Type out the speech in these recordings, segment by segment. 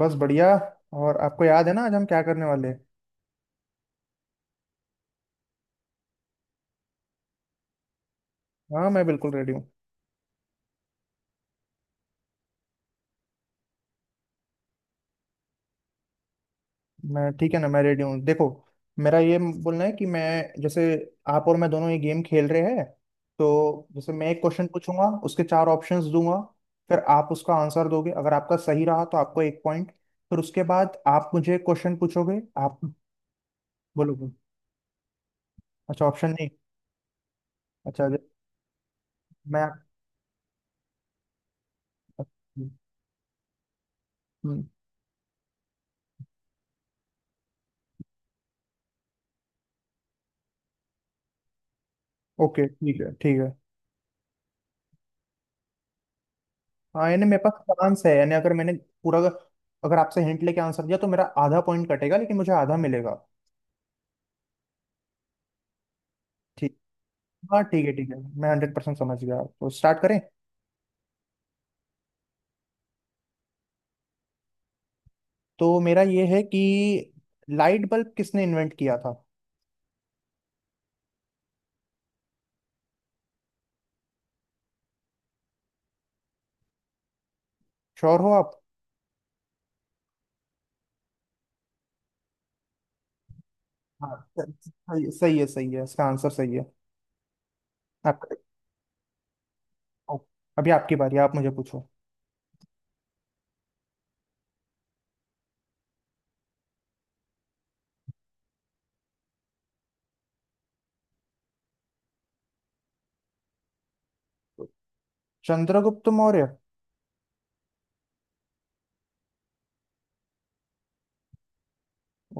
बस बढ़िया। और आपको याद है ना, आज हम क्या करने वाले हैं? हाँ, मैं बिल्कुल रेडी हूँ। मैं ठीक है ना, मैं रेडी हूँ, देखो। मेरा ये बोलना है कि मैं, जैसे, आप और मैं दोनों ये गेम खेल रहे हैं। तो जैसे मैं एक क्वेश्चन पूछूंगा, उसके चार ऑप्शंस दूंगा। फिर आप उसका आंसर दोगे। अगर आपका सही रहा तो आपको एक पॉइंट। फिर उसके बाद आप मुझे क्वेश्चन पूछोगे, आप बोलोगे। अच्छा, ऑप्शन नहीं। अच्छा। मैं। हम्म, ओके, ठीक है ठीक है। हाँ, यानी मेरे पास चांस है। यानी अगर मैंने पूरा, अगर आपसे हिंट लेके आंसर दिया तो मेरा आधा पॉइंट कटेगा, लेकिन मुझे आधा मिलेगा। ठीक। हाँ ठीक है ठीक है, मैं हंड्रेड परसेंट समझ गया। तो स्टार्ट करें? तो मेरा ये है कि लाइट बल्ब किसने इन्वेंट किया था? श्योर हो आप? हाँ, सही, सही है, सही है, इसका आंसर सही है। आपका, अभी आपकी बारी, आप मुझे पूछो। चंद्रगुप्त मौर्य।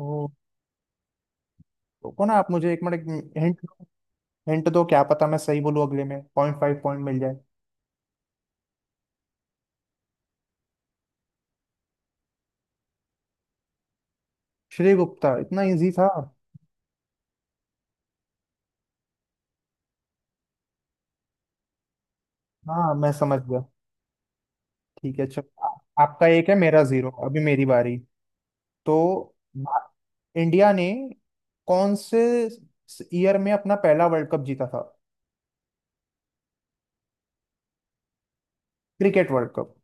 ओ। रुको ना, आप मुझे एक मिनट। हिंट। हिंट दो, क्या पता मैं सही बोलूं, अगले में पॉइंट फाइव पॉइंट मिल जाए। श्री गुप्ता? इतना इजी था? हाँ, मैं समझ गया। ठीक है, चलो, आपका एक है, मेरा जीरो, अभी मेरी बारी। तो भा- इंडिया ने कौन से ईयर में अपना पहला वर्ल्ड कप जीता था? Cricket world cup.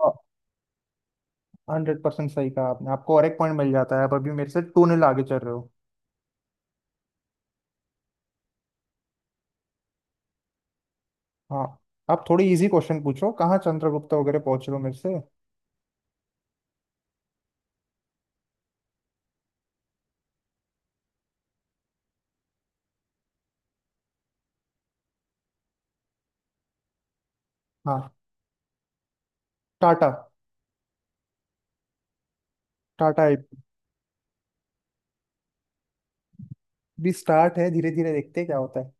हाँ, हंड्रेड परसेंट सही कहा आपने, आपको और एक पॉइंट मिल जाता है। आप अभी मेरे से टू नील आगे चल रहे हो। हाँ। आप थोड़ी इजी क्वेश्चन पूछो, कहाँ चंद्रगुप्ता वगैरह पहुंच रहे हो मेरे से। हाँ। टाटा। टाटा। भी स्टार्ट है, धीरे धीरे देखते हैं क्या होता है।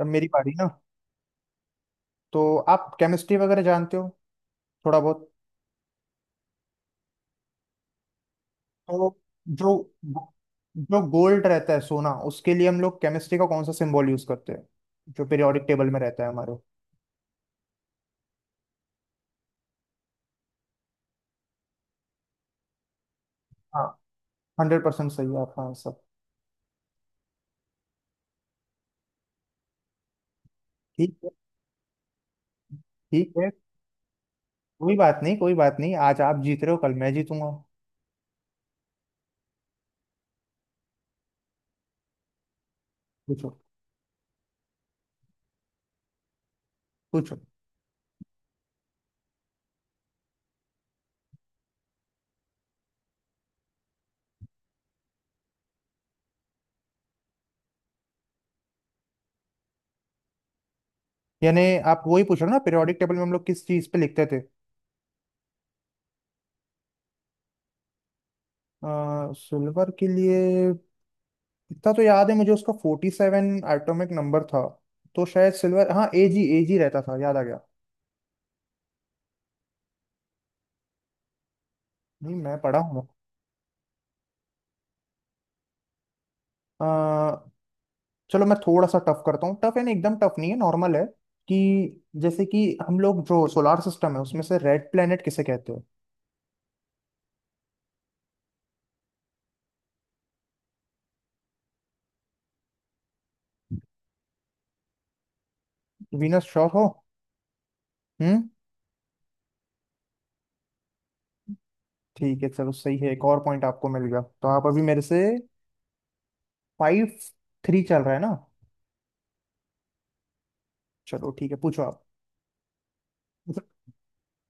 अब मेरी बारी ना। तो आप केमिस्ट्री वगैरह जानते हो, थोड़ा बहुत? तो जो जो गोल्ड रहता है, सोना, उसके लिए हम लोग केमिस्ट्री का कौन सा सिंबल यूज करते हैं, जो पीरियोडिक टेबल में रहता है हमारे? हाँ, हंड्रेड परसेंट सही है आपका आंसर। ठीक है। ठीक है, कोई बात नहीं, कोई बात नहीं, आज आप जीत रहे हो, कल मैं जीतूंगा। पूछो, पूछो। यानी आप वही पूछ रहे हो ना, पीरियोडिक टेबल में हम लोग किस चीज पे लिखते थे, सिल्वर के लिए? इतना तो याद है मुझे, उसका फोर्टी सेवन एटॉमिक नंबर था। तो शायद सिल्वर, हाँ, एजी, एजी रहता था, याद आ गया। नहीं, मैं पढ़ा हूँ। अ, चलो मैं थोड़ा सा टफ करता हूँ। टफ यानी एकदम टफ नहीं है, नॉर्मल है। कि जैसे कि हम लोग जो सोलार सिस्टम है, उसमें से रेड प्लेनेट किसे कहते हो? वीनस? श्योर हो? हम्म। ठीक है, चलो सही है, एक और पॉइंट आपको मिल गया। तो आप अभी मेरे से फाइव, थ्री चल रहा है ना? चलो ठीक है, पूछो आप।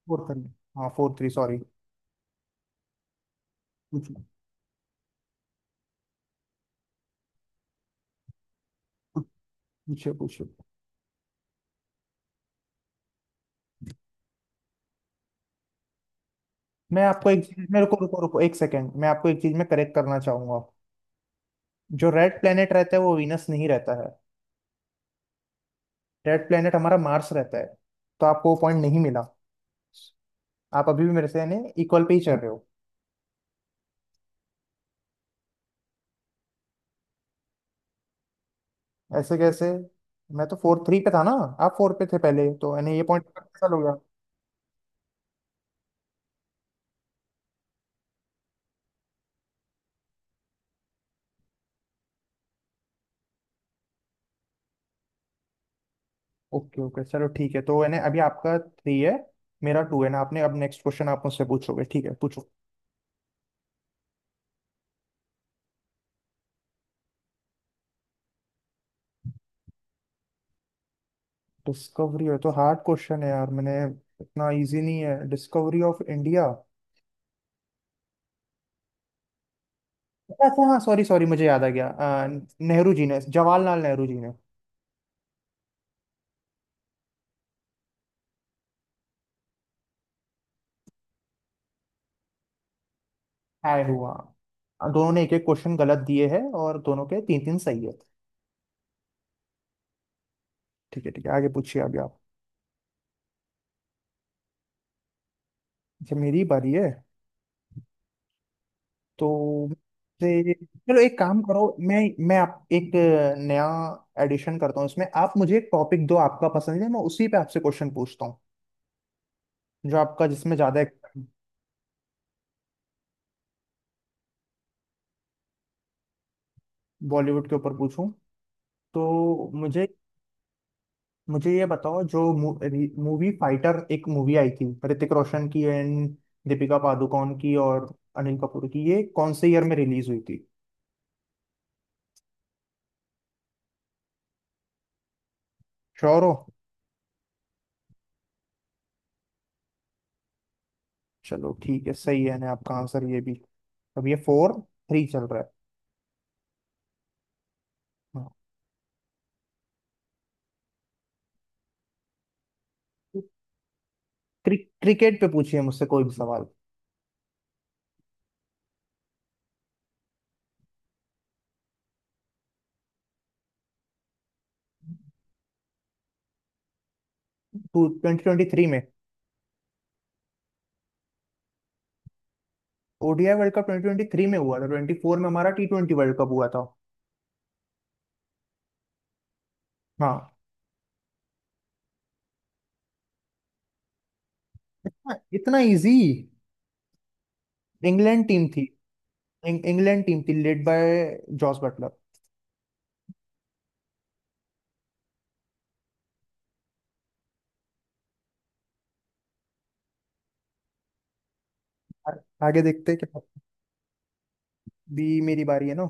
फोर थ्री, हाँ फोर थ्री, सॉरी। पूछो, पूछो, पूछो। मैं आपको एक चीज, मेरे को रुको रुको, एक सेकेंड, मैं आपको एक चीज में करेक्ट करना चाहूंगा। जो रेड प्लेनेट रहता है वो वीनस नहीं रहता है। रेड प्लेनेट हमारा मार्स रहता है। तो आपको वो पॉइंट नहीं मिला। आप अभी भी मेरे से, यानी, इक्वल पे ही चल रहे हो। ऐसे कैसे? मैं तो फोर थ्री पे था ना? आप फोर पे थे पहले, तो यानी ये पॉइंट कैंसिल हो गया। ओके, ओके, चलो ठीक है, तो यानी अभी आपका थ्री है, मेरा टू है ना। आपने, अब नेक्स्ट क्वेश्चन आप मुझसे पूछोगे, ठीक है, पूछो। डिस्कवरी है तो हार्ड क्वेश्चन है यार, मैंने, इतना इजी नहीं है डिस्कवरी ऑफ इंडिया। अच्छा हाँ, सॉरी सॉरी, मुझे याद आ गया। नेहरू जी ने, जवाहरलाल नेहरू जी ने। ऐड हुआ। दोनों ने एक एक क्वेश्चन गलत दिए हैं और दोनों के तीन तीन सही है। ठीक है, ठीक है, आगे पूछिए, आगे आप। जब मेरी बारी है तो से- चलो एक काम करो, मैं मैं आप एक नया एडिशन करता हूँ इसमें। आप मुझे एक टॉपिक दो, आपका पसंद है, मैं उसी पे आपसे क्वेश्चन पूछता हूँ। जो आपका, जिसमें ज्यादा, बॉलीवुड के ऊपर पूछूं, तो मुझे, मुझे ये बताओ, जो मूवी फाइटर, एक मूवी आई थी ऋतिक रोशन की एंड दीपिका पादुकोण की और अनिल कपूर की, ये कौन से ईयर में रिलीज हुई थी? श्योर हो? चलो ठीक है, सही है ना आपका आंसर ये भी। अब ये फोर, थ्री चल रहा है। हाँ। क्रिकेट पे पूछिए मुझसे कोई भी सवाल। टू ट्वेंटी ट्वेंटी थ्री में? ODI world cup twenty twenty three में हुआ था, ट्वेंटी फोर में हमारा टी ट्वेंटी वर्ल्ड कप हुआ था। हाँ। इतना इतना इजी, इंग्लैंड टीम थी। इंग्लैंड टीम थी, लेड बाय जॉस बटलर। आ- आगे देखते हैं क्या, भी मेरी बारी है ना।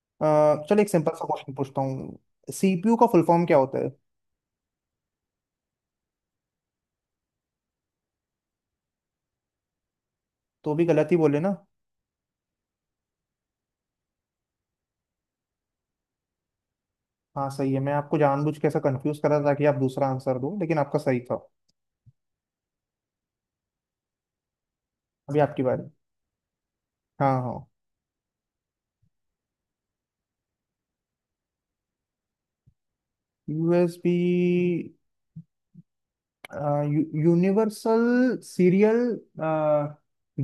अ, चलो एक सिंपल सा क्वेश्चन पूछता हूँ, सीपीयू का फुल फॉर्म क्या होता है? तो भी गलत ही बोले ना? हाँ सही है, मैं आपको जानबूझ के ऐसा कंफ्यूज करा ताकि आप दूसरा आंसर दो, लेकिन आपका सही था। अभी आपकी बारी। हाँ हाँ। यूएसबी, यूनिवर्सल, सीरियल,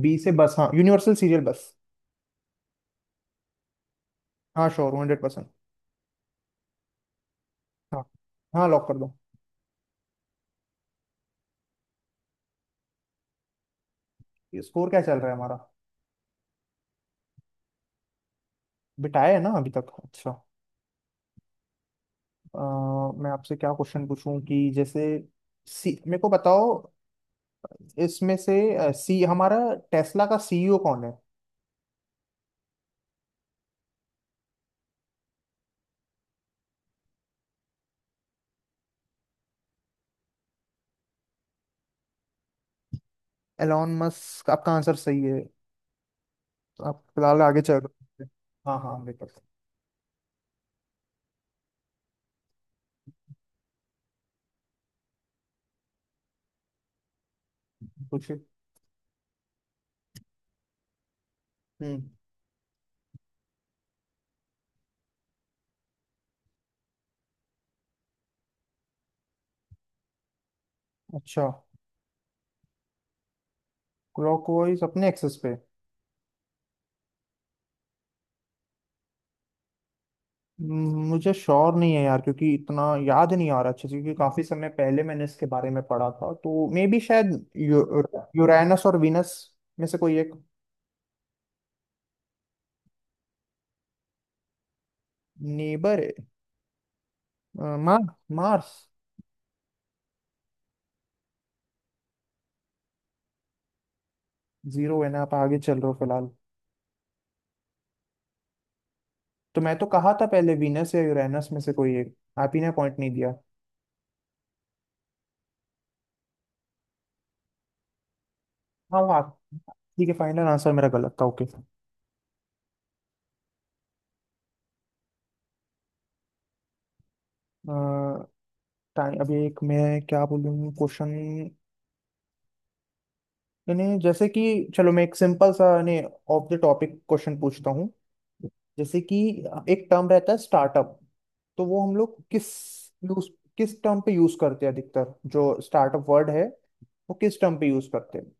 बी से बस, हाँ, यूनिवर्सल सीरियल बस। हाँ, श्योर, हंड्रेड परसेंट। हाँ, हाँ, लॉक कर दो। ये स्कोर क्या चल रहा है हमारा? बिटाया है ना अभी तक? अच्छा। अ, मैं आपसे क्या क्वेश्चन पूछूं, कि जैसे सी, मेरे को बताओ, इसमें से सी, हमारा टेस्ला का सीईओ कौन है? एलॉन मस्क, आपका आंसर सही है, तो आप फिलहाल आगे चल रहे हैं। हाँ हाँ, मेरे पता है। पूछिए। हम्म। अच्छा, क्लॉकवाइज अपने एक्सेस पे? मुझे श्योर नहीं है यार, क्योंकि इतना याद नहीं आ रहा अच्छे से, क्योंकि काफी समय पहले मैंने इसके बारे में पढ़ा था। तो मे बी शायद यू, यूरैनस और वीनस में से कोई एक। नेबर है? Mars, Mars. जीरो है ना? आप आगे चल रहे हो फिलहाल। तो मैं तो कहा था पहले, वीनस या यूरेनस में से कोई एक, आप ही ने पॉइंट नहीं दिया। हाँ वो आप, ठीक है, फाइनल आंसर मेरा गलत था, ओके। टाइम अभी एक, मैं क्या बोलूँ क्वेश्चन, यानी जैसे कि, चलो मैं एक सिंपल सा, यानी ऑफ द टॉपिक क्वेश्चन पूछता हूँ। जैसे कि एक टर्म रहता है, स्टार्टअप, तो वो हम लोग किस यूज, किस टर्म पे यूज करते हैं अधिकतर? जो स्टार्टअप वर्ड है, वो किस टर्म पे यूज करते हैं?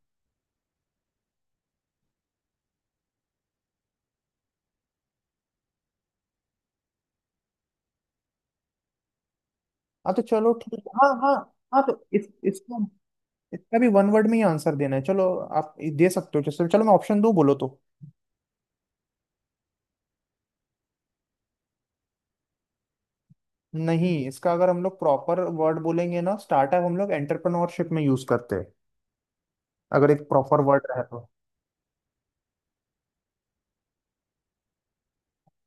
हाँ तो चलो ठीक है, हाँ हाँ। हाँ तो इस इसको, इसका भी वन वर्ड में ही आंसर देना है, चलो आप दे सकते हो। जैसे चलो मैं ऑप्शन दूँ, बोलो तो। नहीं, इसका अगर हम लोग प्रॉपर वर्ड बोलेंगे ना, स्टार्टअप हम लोग एंटरप्रेन्योरशिप में यूज करते हैं, अगर एक प्रॉपर वर्ड रहे तो।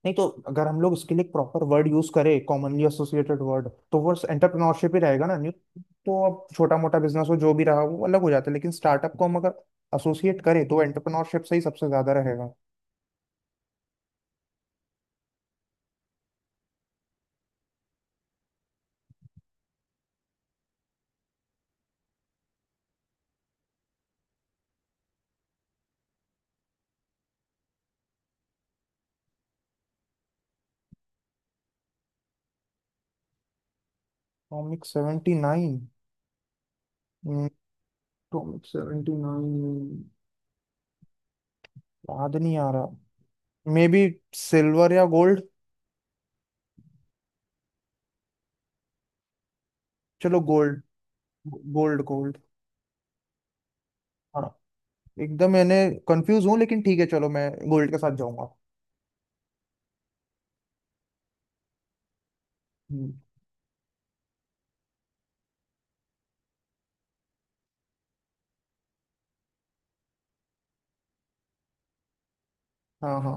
नहीं तो अगर हम लोग इसके लिए प्रॉपर वर्ड यूज करें, कॉमनली एसोसिएटेड वर्ड, तो वो एंटरप्रेन्योरशिप ही रहेगा ना? नहीं तो अब छोटा मोटा बिजनेस हो, जो भी रहा वो अलग हो जाता है, लेकिन स्टार्टअप को हम अगर एसोसिएट करें तो एंटरप्रेन्योरशिप से ही सबसे ज्यादा रहेगा। Topic seventy nine? टॉमिक 79, याद नहीं आ रहा। मे बी सिल्वर या गोल्ड। चलो गोल्ड। Gold, gold. हाँ, एकदम, मैंने, कंफ्यूज हूँ, लेकिन ठीक है चलो, मैं गोल्ड के साथ जाऊंगा। हम्म, हाँ हाँ।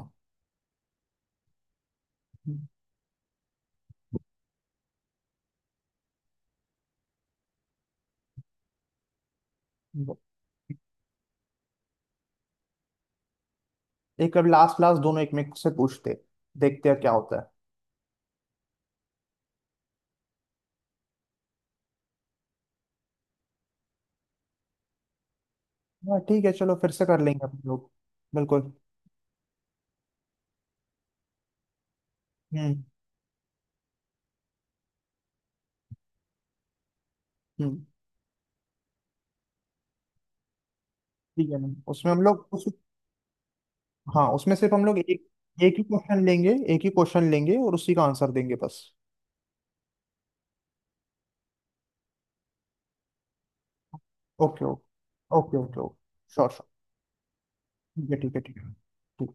हम्म, एक, अब लास्ट लास्ट दोनों एक में से पूछते, देखते हैं क्या होता है। हाँ ठीक है, चलो फिर से कर लेंगे हम लोग। बिल्कुल। हम्म हम्म। ठीक है ना, उसमें हम लोग उस, हाँ, उसमें सिर्फ हम लोग एक, एक ही क्वेश्चन लेंगे, एक ही क्वेश्चन लेंगे और उसी का आंसर देंगे, बस। Okay okay, okay okay okay. Sure sure. ठीक है ठीक है ठीक है ठीक है।